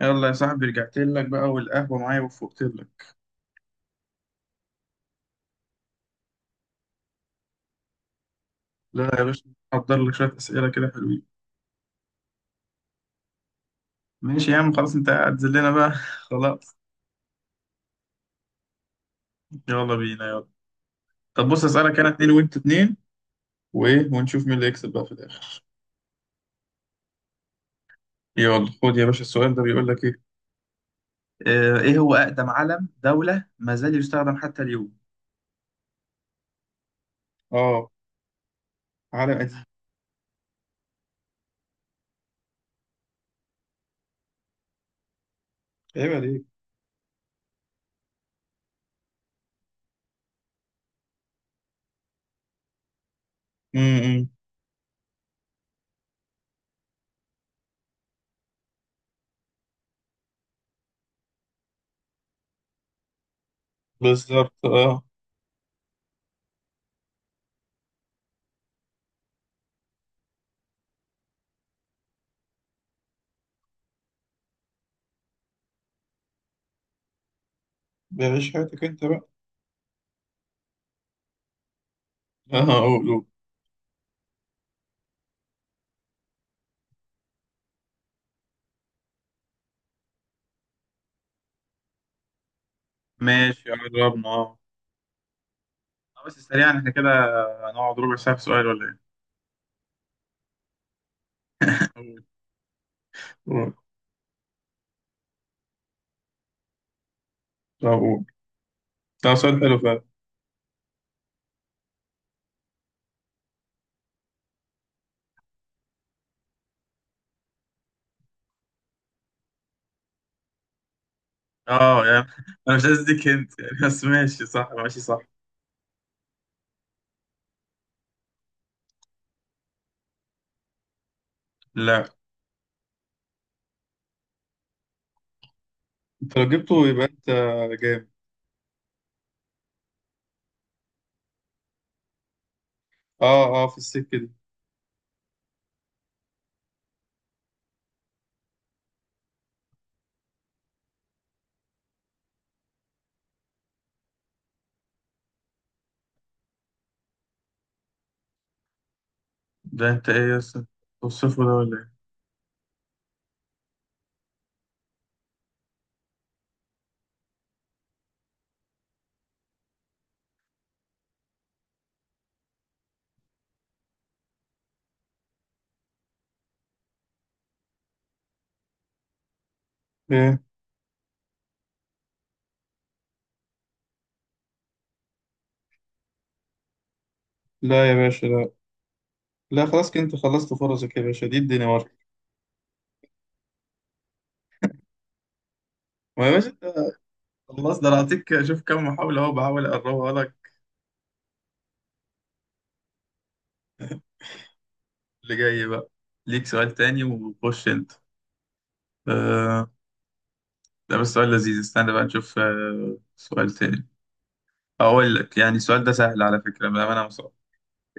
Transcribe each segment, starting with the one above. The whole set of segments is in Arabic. يلا يا صاحبي، رجعت لك بقى والقهوة معايا وفقت لك. لا يا باشا، حضر لك شوية أسئلة كده حلوين. ماشي يا عم، خلاص أنت هتذلنا بقى خلاص. يلا بينا يلا. طب بص أسألك أنا اتنين وأنت اتنين وإيه، ونشوف مين اللي يكسب بقى في الآخر. يلا خد يا باشا السؤال ده بيقول لك إيه. ايه هو اقدم علم دولة ما زال يستخدم حتى اليوم؟ آه، علم قديم. عيب عليك. امم بالظبط، آه. بيعيش حياتك أنت بقى. آه، قول قول. ماشي، قربنا، آه. بس سريعا، إحنا كده هنقعد ربع ساعة في سؤال ولا إيه؟ مم. طب ده سؤال حلو فعلا. اه يعني انا مش عايز اديك هنت يعني، بس ماشي صح، ماشي صح. لا، انت لو جبته يبقى انت جامد. اه اه، في السكه دي. ده انت ايه يا اسطى، توصفه ده ولا ايه؟ ايه. لا يا باشا لا. لا خلاص، كده انت خلصت فرصك يا باشا، دي الدنيا ورق. ما يا باشا انت، خلاص ده انا هعطيك، شوف كم محاوله اهو بحاول اقربها لك. اللي جاي بقى ليك سؤال تاني، وخش انت. آه، ده بس سؤال لذيذ، استنى بقى نشوف. آه، سؤال تاني. أقول لك يعني السؤال ده سهل على فكرة بأمانة مصر.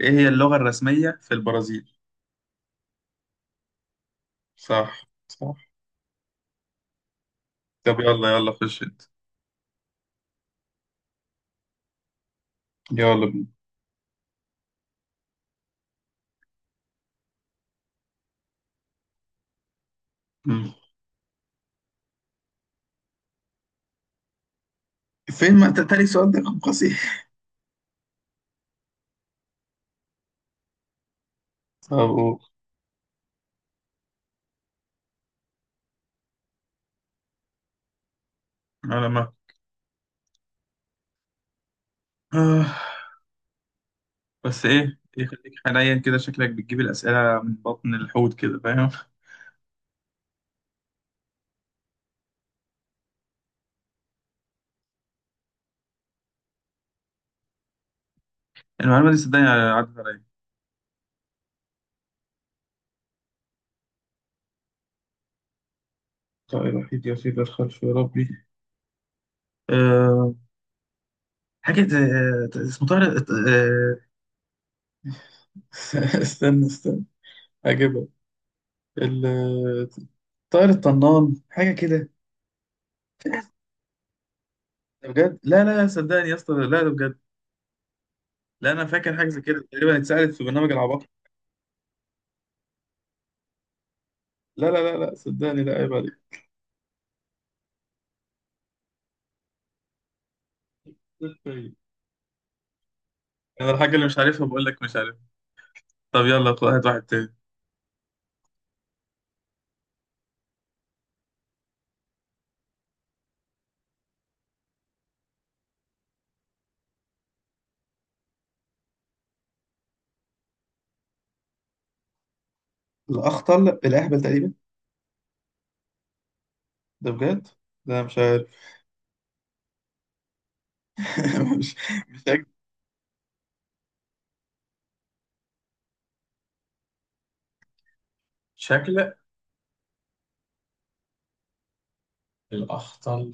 إيه هي اللغة الرسمية في البرازيل؟ صح صح. طب يلا يلا، خش أنت. يلا بينا. مم. فين؟ ما انت تاني سؤال ده كان قصير. طب قول. على ما آه. بس إيه إيه، خليك حنين كده، شكلك بتجيب الأسئلة من بطن الحوت كده، فاهم. المعلومة دي صدقني عدت عليا. طائر الوحيد يطير الخلف، يا ربي. أه، حاجة اسمه طارق، أه. استنى استنى، هجيبها. ال طائر الطنان حاجه كده. ده بجد، لا لا لا، صدقني يا اسطى لا، ده بجد. لا، انا فاكر حاجه زي كده تقريبا اتسالت في برنامج العباقرة. لا لا لا لا، صدقني، لا عيب عليك. انا الحاجه اللي مش عارفها بقول لك مش عارف. طب يلا هات واحد تاني. الاخطل الاهبل تقريبا. ده بجد. لا مش عارف. مش مش هك- شكل. الأخطل.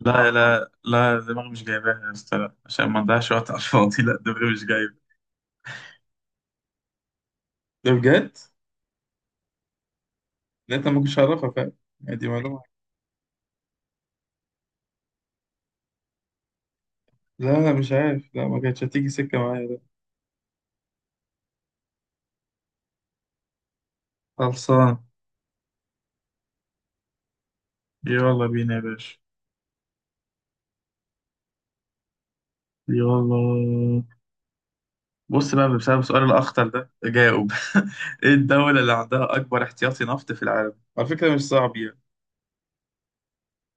لا لا لا، دماغي مش جايباها يا اسطى، لا عشان ما نضيعش وقت على الفاضي، لا دماغي مش جايبه. ده بجد. لا انت ما كنتش عارفها فعلا. يعني، دي معلومه. لا لا مش عارف، لا ما كانتش هتيجي سكة معايا ده. خلصان. يلا بينا يا باشا. يلا. بص بقى، بسبب سؤال الأخطر ده جاوب. إيه الدولة اللي عندها أكبر احتياطي نفط في العالم؟ على فكرة مش صعب يعني.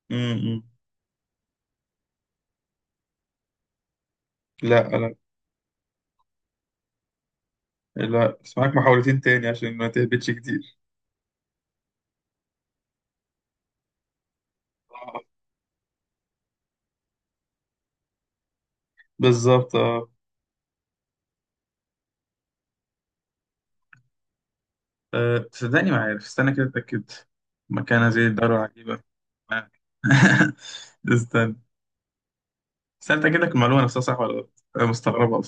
م-م. لا لا لا، بس معاك محاولتين تاني عشان ما تهبطش كتير. آه، بالظبط اه. آه، صدقني ما عارف، استنى كده اتأكد. مكانها زي الدولة العجيبة. استنى استنى أتأكد لك المعلومة نفسها صح ولا غلط، أنا مستغربة.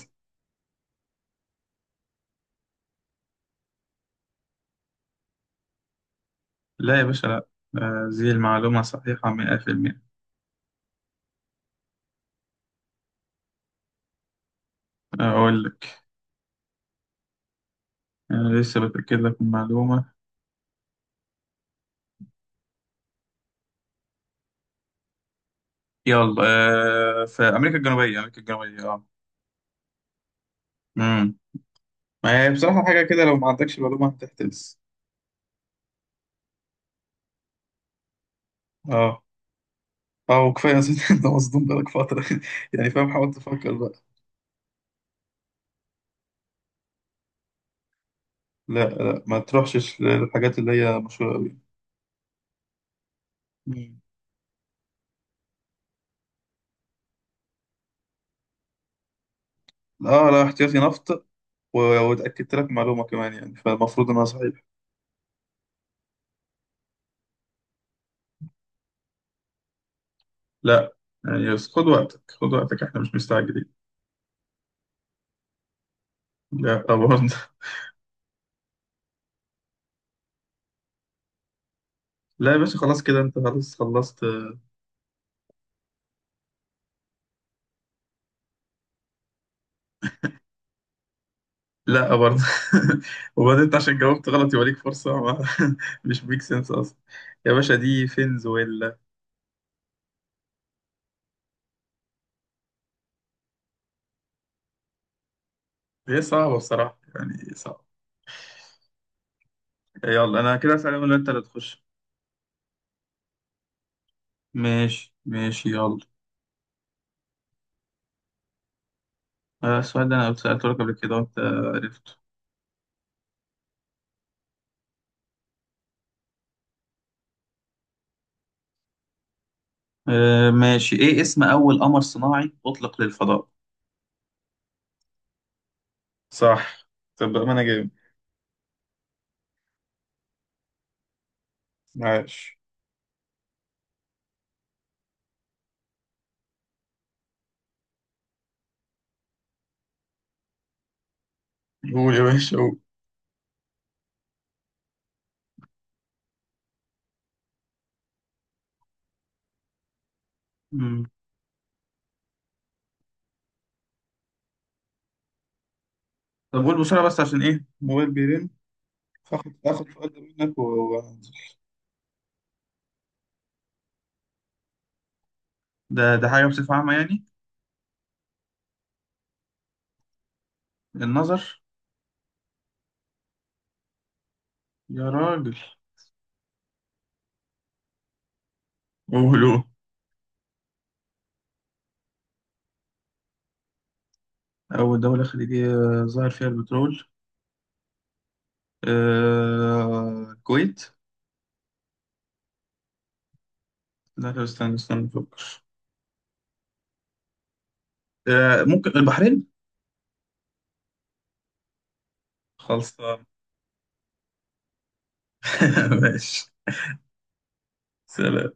لا يا باشا لا. آه، دي المعلومة صحيحة مئة في المئة. أقول لك، أنا لسه بتأكد لك من المعلومة. يلا. آه، في أمريكا الجنوبية، أمريكا الجنوبية، أه. أمم ما هي بصراحة حاجة كده، لو ما عندكش معلومة هتحتبس. أه. أه، وكفاية أصلا. أنت مصدوم بقالك فترة. يعني فاهم، حاول تفكر بقى. لا لا، ما تروحش للحاجات اللي هي مشهورة أوي. أمم. أه لا، احتياطي نفط و- واتأكدت لك معلومة كمان يعني، فالمفروض إنها صحيحة. لا، يعني بس خد وقتك، خد وقتك، إحنا مش مستعجلين. لا برضه. لا يا باشا، خلاص كده انت، خلاص خلصت. لا برضه. وبعدين انت عشان جاوبت غلط يبقى ليك فرصة مش ميك سنس اصلا. يا باشا، دي فنزويلا. هي صعبة بصراحة، يعني صعبة. يلا انا كده اسأل ولا انت اللي تخش؟ ماشي ماشي، يلا. آه، السؤال ده انا سألته لك قبل كده وانت عرفته. آه، ماشي. ايه اسم اول قمر صناعي اطلق للفضاء؟ صح. طب ما انا جايب. عاش. قول يا باشا، قول. مم. طب قول بسرعة بس عشان ايه موبايل. فاخد، فاخد سؤال ده منك و... و-. ده ده حاجة بصفة عامة يعني. النظر. يا راجل. قولوا. أول دولة خليجية ظهر فيها البترول. آه... الكويت. لا لا، استنى استنى أفكر. آه... ممكن البحرين. خلصان. ماشي. سلام.